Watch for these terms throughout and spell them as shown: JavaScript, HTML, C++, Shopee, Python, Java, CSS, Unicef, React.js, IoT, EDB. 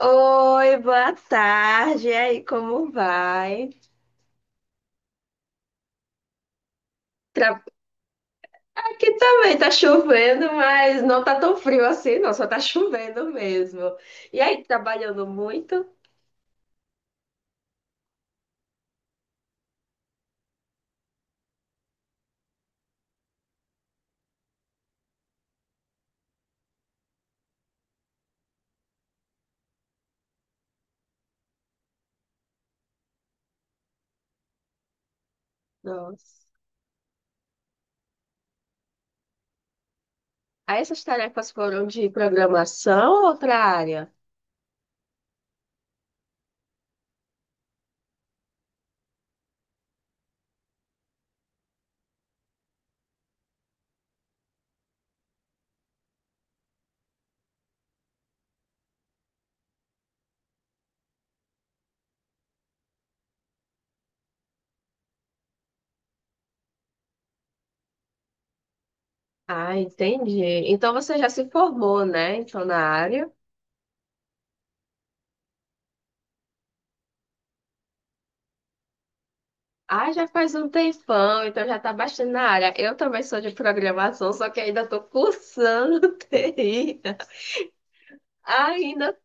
Oi, boa tarde. E aí, como vai? Tra- Aqui também tá chovendo, mas não tá tão frio assim, não, só tá chovendo mesmo. E aí, trabalhando muito? Nossa. Aí essas tarefas foram de programação ou outra área? Ah, entendi. Então você já se formou, né? Então na área. Ah, já faz um tempão, então já tá bastante na área. Eu também sou de programação, só que ainda tô cursando TI. Ainda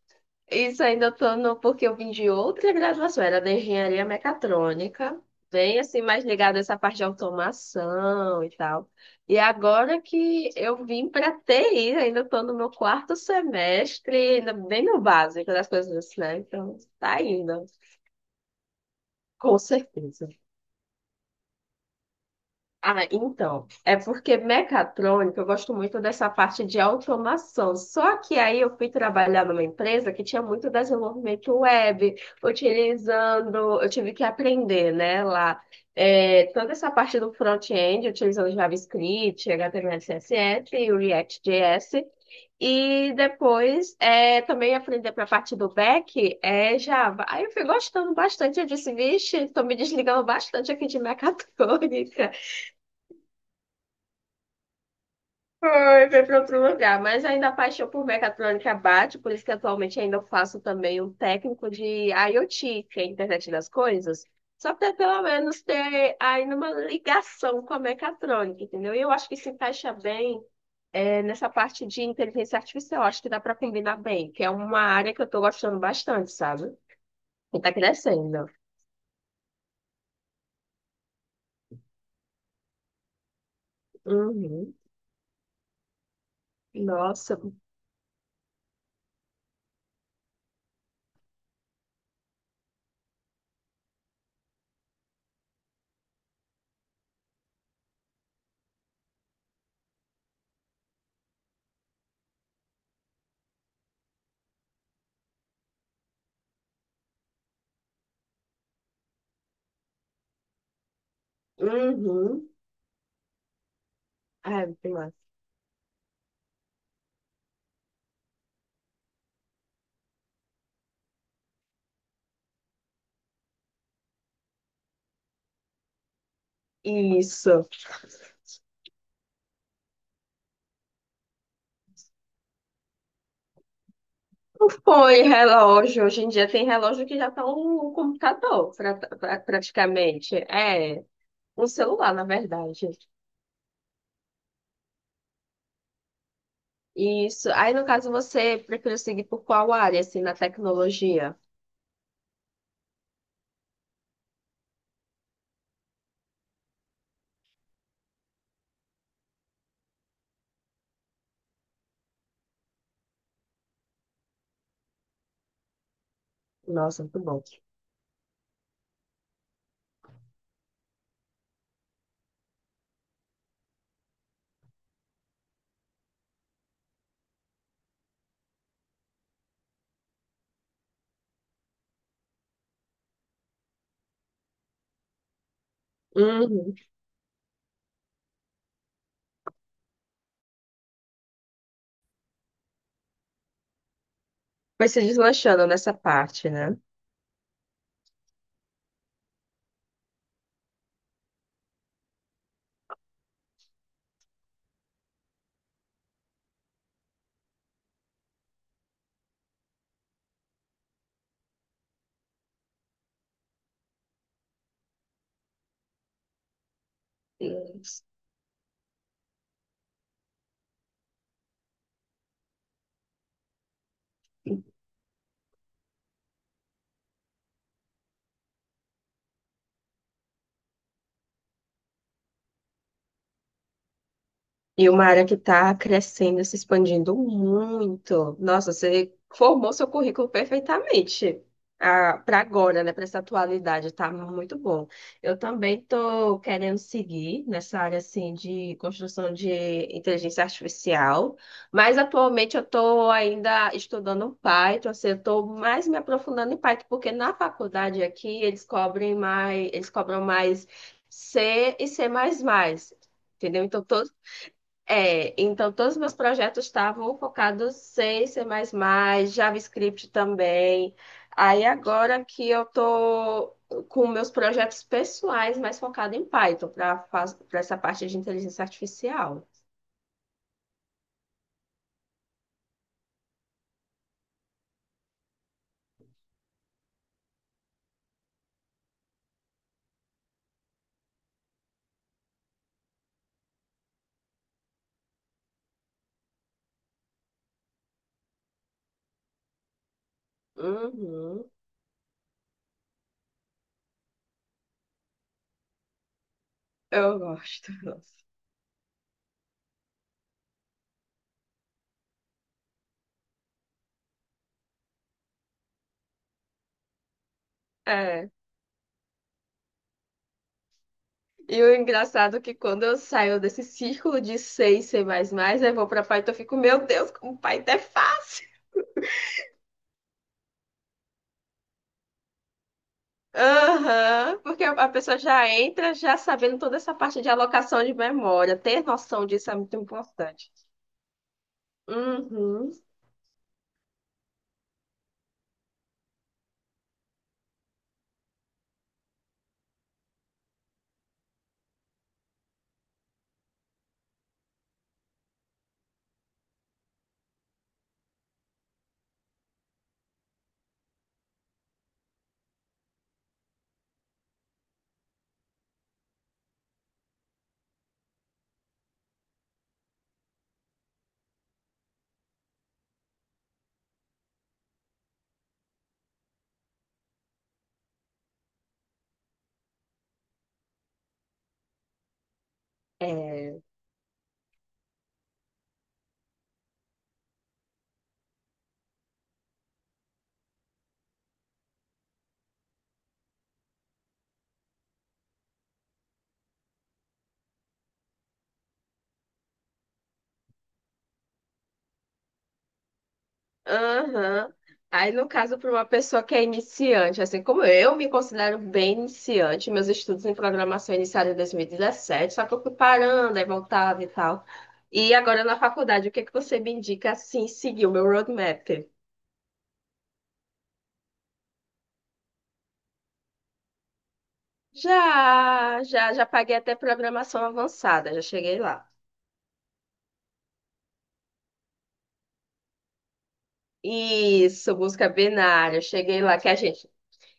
Isso ainda tô no, porque eu vim de outra graduação, era da engenharia mecatrônica, bem assim, mais ligada a essa parte de automação e tal. E agora que eu vim para TI, ainda tô no meu quarto semestre, ainda bem no básico das coisas, né? Então, tá indo, com certeza. Ah, então, é porque mecatrônica, eu gosto muito dessa parte de automação. Só que aí eu fui trabalhar numa empresa que tinha muito desenvolvimento web, utilizando, eu tive que aprender, né, lá, é, toda essa parte do front-end, utilizando JavaScript, HTML, CSS e o React.js. E depois também aprender para a parte do back é Java. Aí eu fui gostando bastante. Eu disse, vixe, estou me desligando bastante aqui de mecatrônica. Foi, foi para outro lugar, mas ainda a paixão por mecatrônica bate, por isso que atualmente ainda faço também um técnico de IoT, que é a internet das coisas, só para pelo menos ter ainda uma ligação com a mecatrônica, entendeu? E eu acho que se encaixa bem nessa parte de inteligência artificial, acho que dá para combinar bem, que é uma área que eu estou gostando bastante, sabe? E tá crescendo. Uhum. Nossa. Uhum. Ai, muito massa. Isso. Foi relógio. Hoje em dia tem relógio que já está um computador, praticamente. É, um celular, na verdade. Isso. Aí, no caso, você prefere seguir por qual área, assim, na tecnologia? Nossa, muito bom. Uhum. Vai se deslanchando nessa parte, né? E uma área que está crescendo, se expandindo muito. Nossa, você formou seu currículo perfeitamente para agora, né? Para essa atualidade, tá muito bom. Eu também estou querendo seguir nessa área assim de construção de inteligência artificial, mas atualmente eu estou ainda estudando Python, assim, eu estou mais me aprofundando em Python, porque na faculdade aqui eles cobrem mais, eles cobram mais C e C++. Entendeu? Então, todos os meus projetos estavam focados em C++, JavaScript também. Aí agora que eu tô com meus projetos pessoais mais focado em Python para essa parte de inteligência artificial. Uhum, eu gosto. Nossa. É. E o engraçado é que quando eu saio desse círculo de C e C++, eu vou pra Python, eu fico, meu Deus, como Python é fácil. Aham, porque a pessoa já entra já sabendo toda essa parte de alocação de memória. Ter noção disso é muito importante. Uhum. É. Aham. Aí, no caso, para uma pessoa que é iniciante, assim como eu me considero bem iniciante, meus estudos em programação iniciaram em 2017, só que eu fui parando, aí voltava e tal. E agora na faculdade, o que é que você me indica assim, seguir o meu roadmap? Já, já, já paguei até programação avançada, já cheguei lá. Isso, busca binária, cheguei lá, que a gente.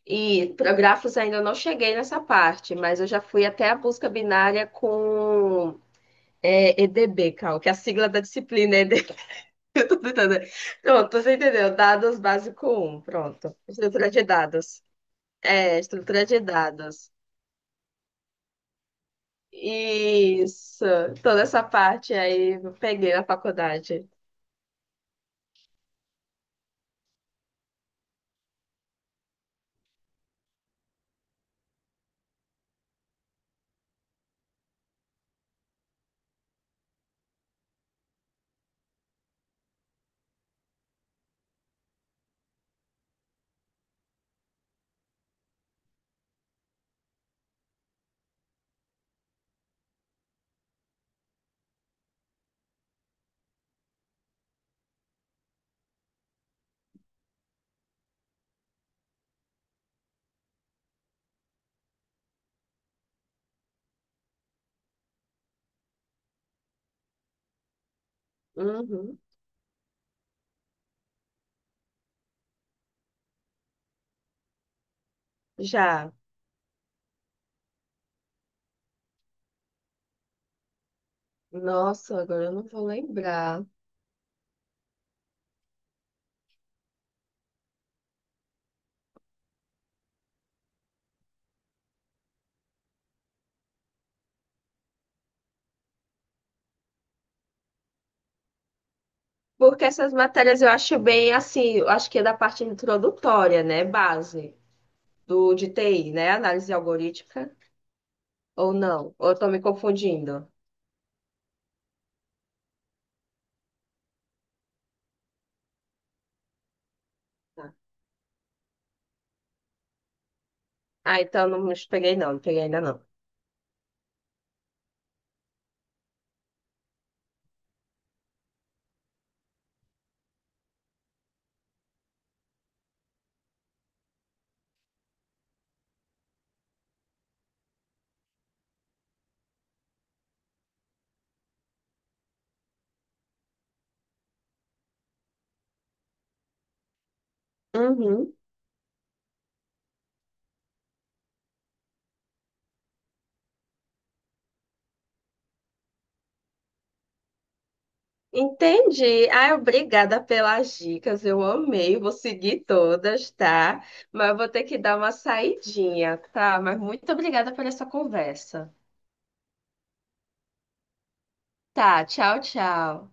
E para grafos ainda não cheguei nessa parte, mas eu já fui até a busca binária com EDB, Cal, que é a sigla da disciplina é EDB. Eu tô tentando. Pronto, você entendeu? Dados básico um, pronto. Estrutura de dados. É, estrutura de dados. Isso. Toda essa parte aí eu peguei na faculdade. Uhum. Já. Nossa, agora eu não vou lembrar. Porque essas matérias eu acho bem assim, eu acho que é da parte introdutória, né? Base do de TI, né? Análise algorítmica. Ou não? Ou eu tô me confundindo? Ah, então não me peguei não, não peguei ainda não. Uhum. Entendi. Ah, obrigada pelas dicas. Eu amei, vou seguir todas, tá? Mas eu vou ter que dar uma saidinha, tá? Mas muito obrigada por essa conversa. Tá, tchau, tchau.